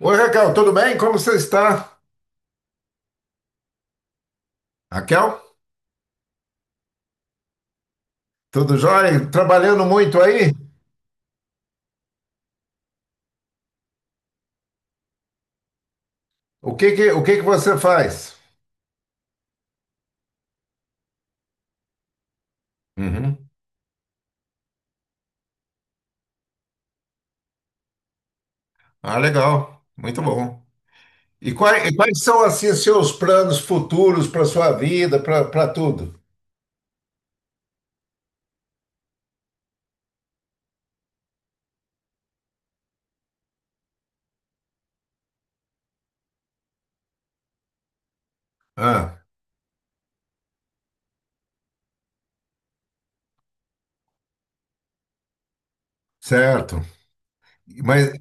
Oi, Raquel, tudo bem? Como você está? Raquel, tudo jóia? Trabalhando muito aí? O que que você faz? Uhum. Ah, legal, muito bom. E quais são, assim, seus planos futuros para sua vida, para tudo? Ah, certo. Mas,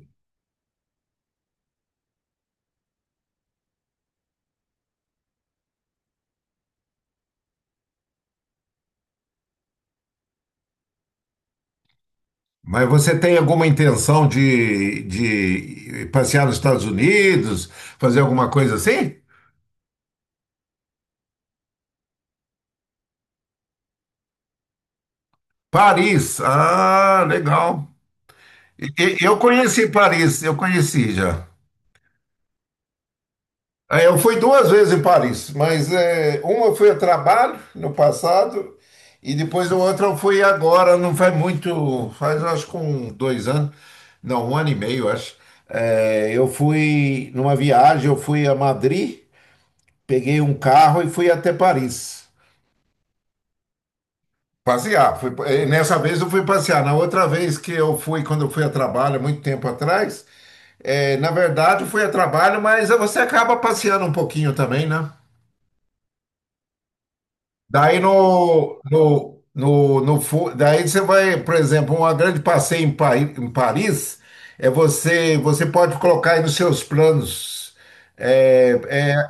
mas você tem alguma intenção de passear nos Estados Unidos, fazer alguma coisa assim? Paris, ah, legal. Eu conheci Paris, eu conheci já. Ah, eu fui duas vezes em Paris, mas é, uma eu fui a trabalho no passado e depois a outra eu fui agora, não faz muito, faz acho que um, dois anos, não, um ano e meio, acho. É, eu fui numa viagem, eu fui a Madrid, peguei um carro e fui até Paris. Passear, fui, nessa vez eu fui passear. Na outra vez que eu fui, quando eu fui a trabalho, há muito tempo atrás, na verdade eu fui a trabalho, mas você acaba passeando um pouquinho também, né? Daí no, no, no, no fu- daí você vai, por exemplo, uma grande passeio em Paris. É, você pode colocar aí nos seus planos. é,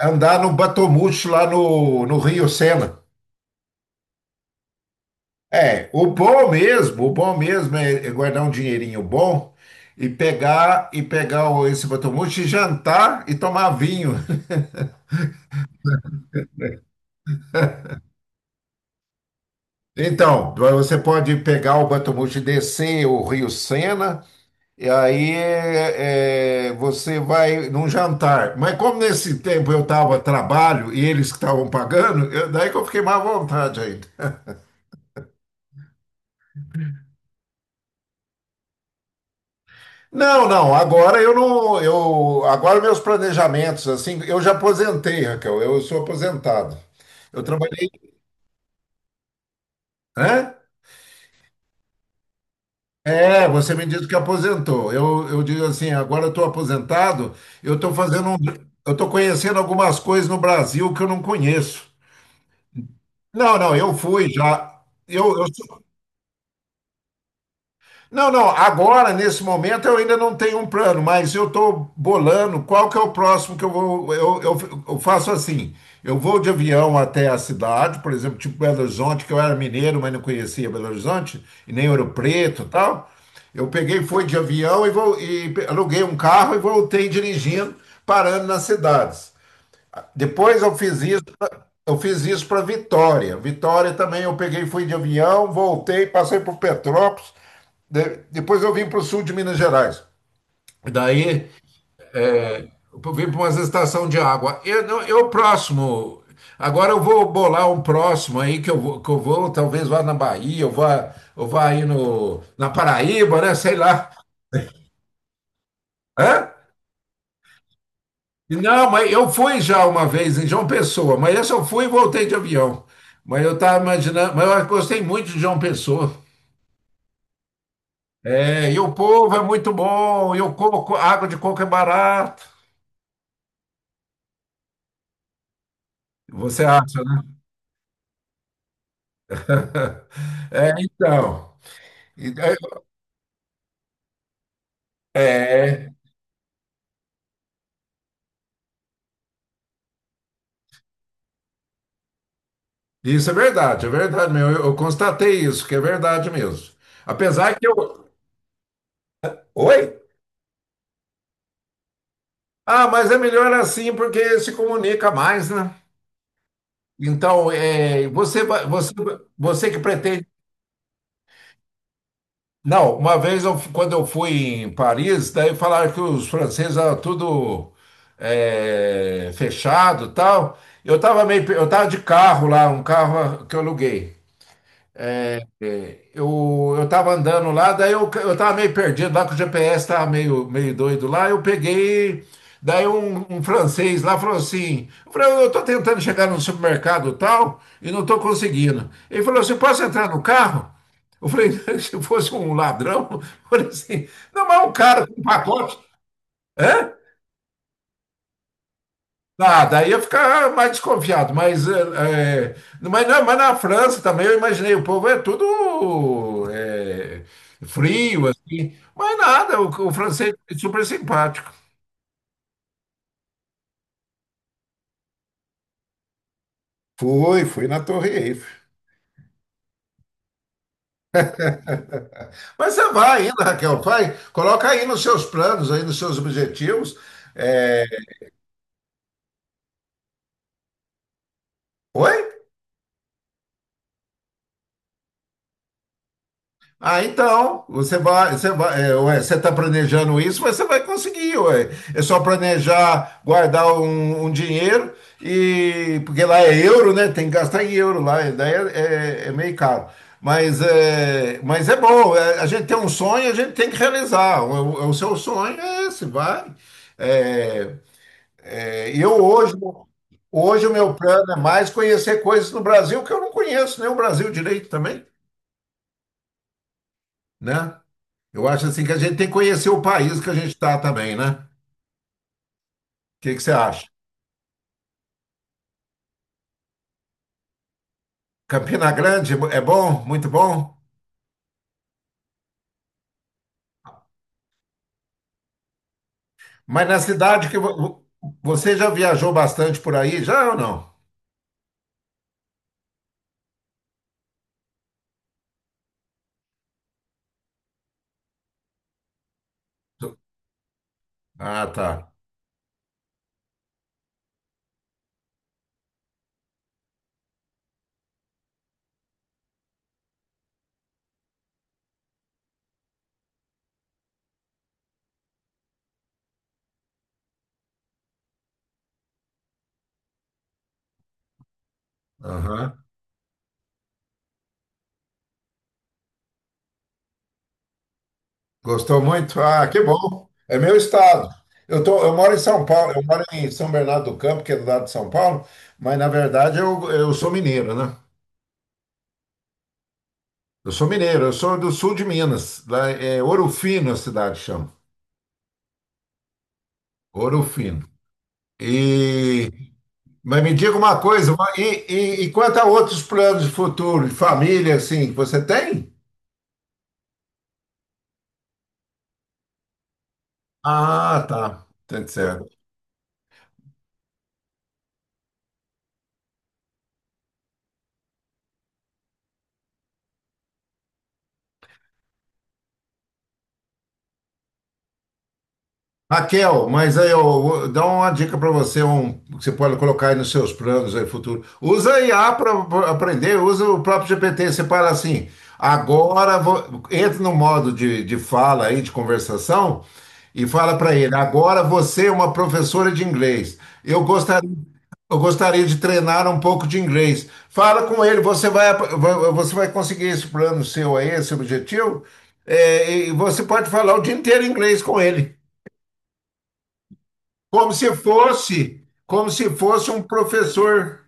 é andar no Batomuxo, lá no Rio Sena. É, o bom mesmo é guardar um dinheirinho bom e pegar esse Batomuxo e jantar e tomar vinho. Então, você pode pegar o Batomuxo e descer o Rio Sena. E aí, você vai num jantar. Mas como nesse tempo eu estava a trabalho e eles que estavam pagando, daí que eu fiquei mais à vontade ainda. Não, não, agora eu não, eu, agora meus planejamentos, assim, eu já aposentei, Raquel, eu sou aposentado. Eu trabalhei, né? É, você me disse que aposentou. Eu digo assim, agora eu estou aposentado, eu estou conhecendo algumas coisas no Brasil que eu não conheço. Não, não, eu fui já. Eu, eu, Não, não, agora, nesse momento, eu ainda não tenho um plano, mas eu estou bolando qual que é o próximo que eu vou. Eu faço assim: eu vou de avião até a cidade, por exemplo, tipo Belo Horizonte, que eu era mineiro, mas não conhecia Belo Horizonte, e nem Ouro Preto e tal. Eu peguei, fui de avião e aluguei um carro e voltei dirigindo, parando nas cidades. Depois eu fiz isso para Vitória. Vitória também eu peguei, fui de avião, voltei, passei por Petrópolis, depois eu vim para o sul de Minas Gerais. E daí eu vim para uma estação de água. Eu, não- eu próximo. Agora eu vou bolar um próximo aí que eu vou talvez vá na Bahia, eu vá aí no, na Paraíba, né? Sei lá. Hã? Não, mas eu fui já uma vez em João Pessoa, mas essa eu fui e voltei de avião. Mas eu estava imaginando, mas eu gostei muito de João Pessoa. É, e o povo é muito bom, e o coco, água de coco é barato. Você acha, né? É, então. E- é, isso é verdade mesmo. Eu constatei isso, que é verdade mesmo. Apesar que eu. Oi? Ah, mas é melhor assim porque se comunica mais, né? Então, você que pretende. Não, uma vez quando eu fui em Paris, daí falaram que os franceses eram tudo fechado, e tal. Eu tava de carro lá, um carro que eu aluguei. Eu tava andando lá, daí eu tava meio perdido lá, que o GPS tava meio doido lá. Eu peguei, daí um francês lá falou assim: eu falei, "Eu tô tentando chegar no supermercado tal e não tô conseguindo." Ele falou assim: "Posso entrar no carro?" Eu falei: se fosse um ladrão, eu falei assim: não, mas é um cara com pacote. Hã? Ah, daí eu ia ficar mais desconfiado, mas, mas, não, mas na França também eu imaginei, o povo é tudo é, frio, assim, mas nada, o francês é super simpático. Foi, foi na Torre Eiffel. Mas você vai ainda, Raquel, vai, coloca aí nos seus planos, aí nos seus objetivos. É, oi? Ah, então, você vai, ué, você está planejando isso, mas você vai conseguir, ué. É só planejar, guardar um dinheiro, e porque lá é euro, né? Tem que gastar em euro lá, e daí é meio caro. Mas é bom. A gente tem um sonho, a gente tem que realizar. Seu sonho é esse, vai. É, é, hoje o meu plano é mais conhecer coisas no Brasil que eu não conheço, nem o Brasil direito também, né? Eu acho assim que a gente tem que conhecer o país que a gente está também, né? O que que você acha? Campina Grande é bom, muito bom. Mas na cidade você já viajou bastante por aí, já ou não? Ah, tá. Aham. Gostou muito? Ah, que bom. É meu estado. Eu moro em São Paulo, eu moro em São Bernardo do Campo, que é do lado de São Paulo, mas na verdade eu sou mineiro, né? Eu sou mineiro, eu sou do sul de Minas, lá é Ouro Fino a cidade chama. Ouro Fino. E, mas me diga uma coisa, e quanto a outros planos de futuro, de família, assim, que você tem? Ah, tá, tá certo. Raquel, mas aí eu dá uma dica para você, que você pode colocar aí nos seus planos aí futuro. Usa a IA para aprender, usa o próprio GPT. Você fala assim, agora entra no modo de fala aí, de conversação, e fala para ele, agora você é uma professora de inglês. Eu gostaria, eu gostaria de treinar um pouco de inglês. Fala com ele, você vai conseguir esse plano seu aí, esse objetivo, e você pode falar o dia inteiro inglês com ele. Como se fosse um professor.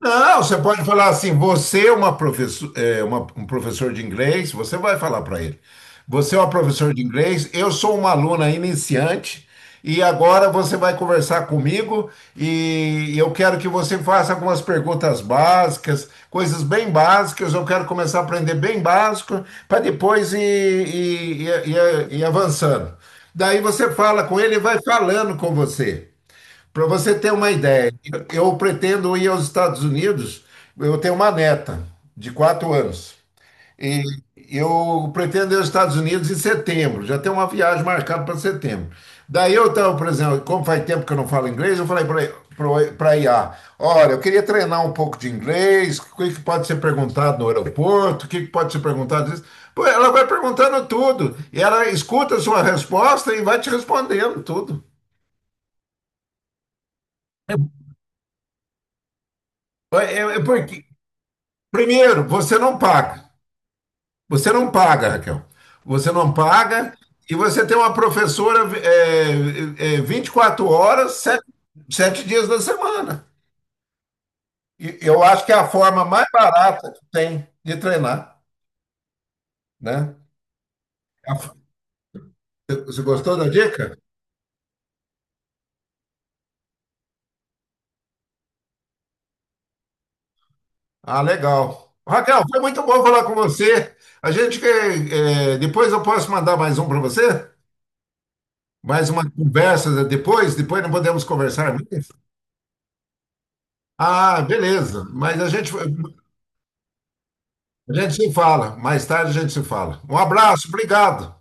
Não, você pode falar assim, você é uma professor, um professor de inglês, você vai falar para ele. Você é um professor de inglês, eu sou uma aluna iniciante e agora você vai conversar comigo e eu quero que você faça algumas perguntas básicas, coisas bem básicas, eu quero começar a aprender bem básico para depois ir avançando. Daí você fala com ele e vai falando com você. Para você ter uma ideia, eu pretendo ir aos Estados Unidos. Eu tenho uma neta de 4 anos e eu pretendo ir aos Estados Unidos em setembro. Já tem uma viagem marcada para setembro. Daí eu estava, por exemplo, como faz tempo que eu não falo inglês, eu falei para a IA: "Olha, eu queria treinar um pouco de inglês, o que que pode ser perguntado no aeroporto, o que que pode ser perguntado. Disso?" Pô, ela vai perguntando tudo e ela escuta a sua resposta e vai te respondendo tudo. É, é é porque Primeiro, você não paga. Você não paga, Raquel. Você não paga e você tem uma professora, 24 horas, sete dias da semana. E eu acho que é a forma mais barata que tem de treinar, né? A- Você gostou da dica? Ah, legal. Raquel, foi muito bom falar com você. A gente quer, depois eu posso mandar mais um para você? Mais uma conversa depois? Depois não podemos conversar mais? Ah, beleza. A gente se fala, mais tarde a gente se fala. Um abraço, obrigado.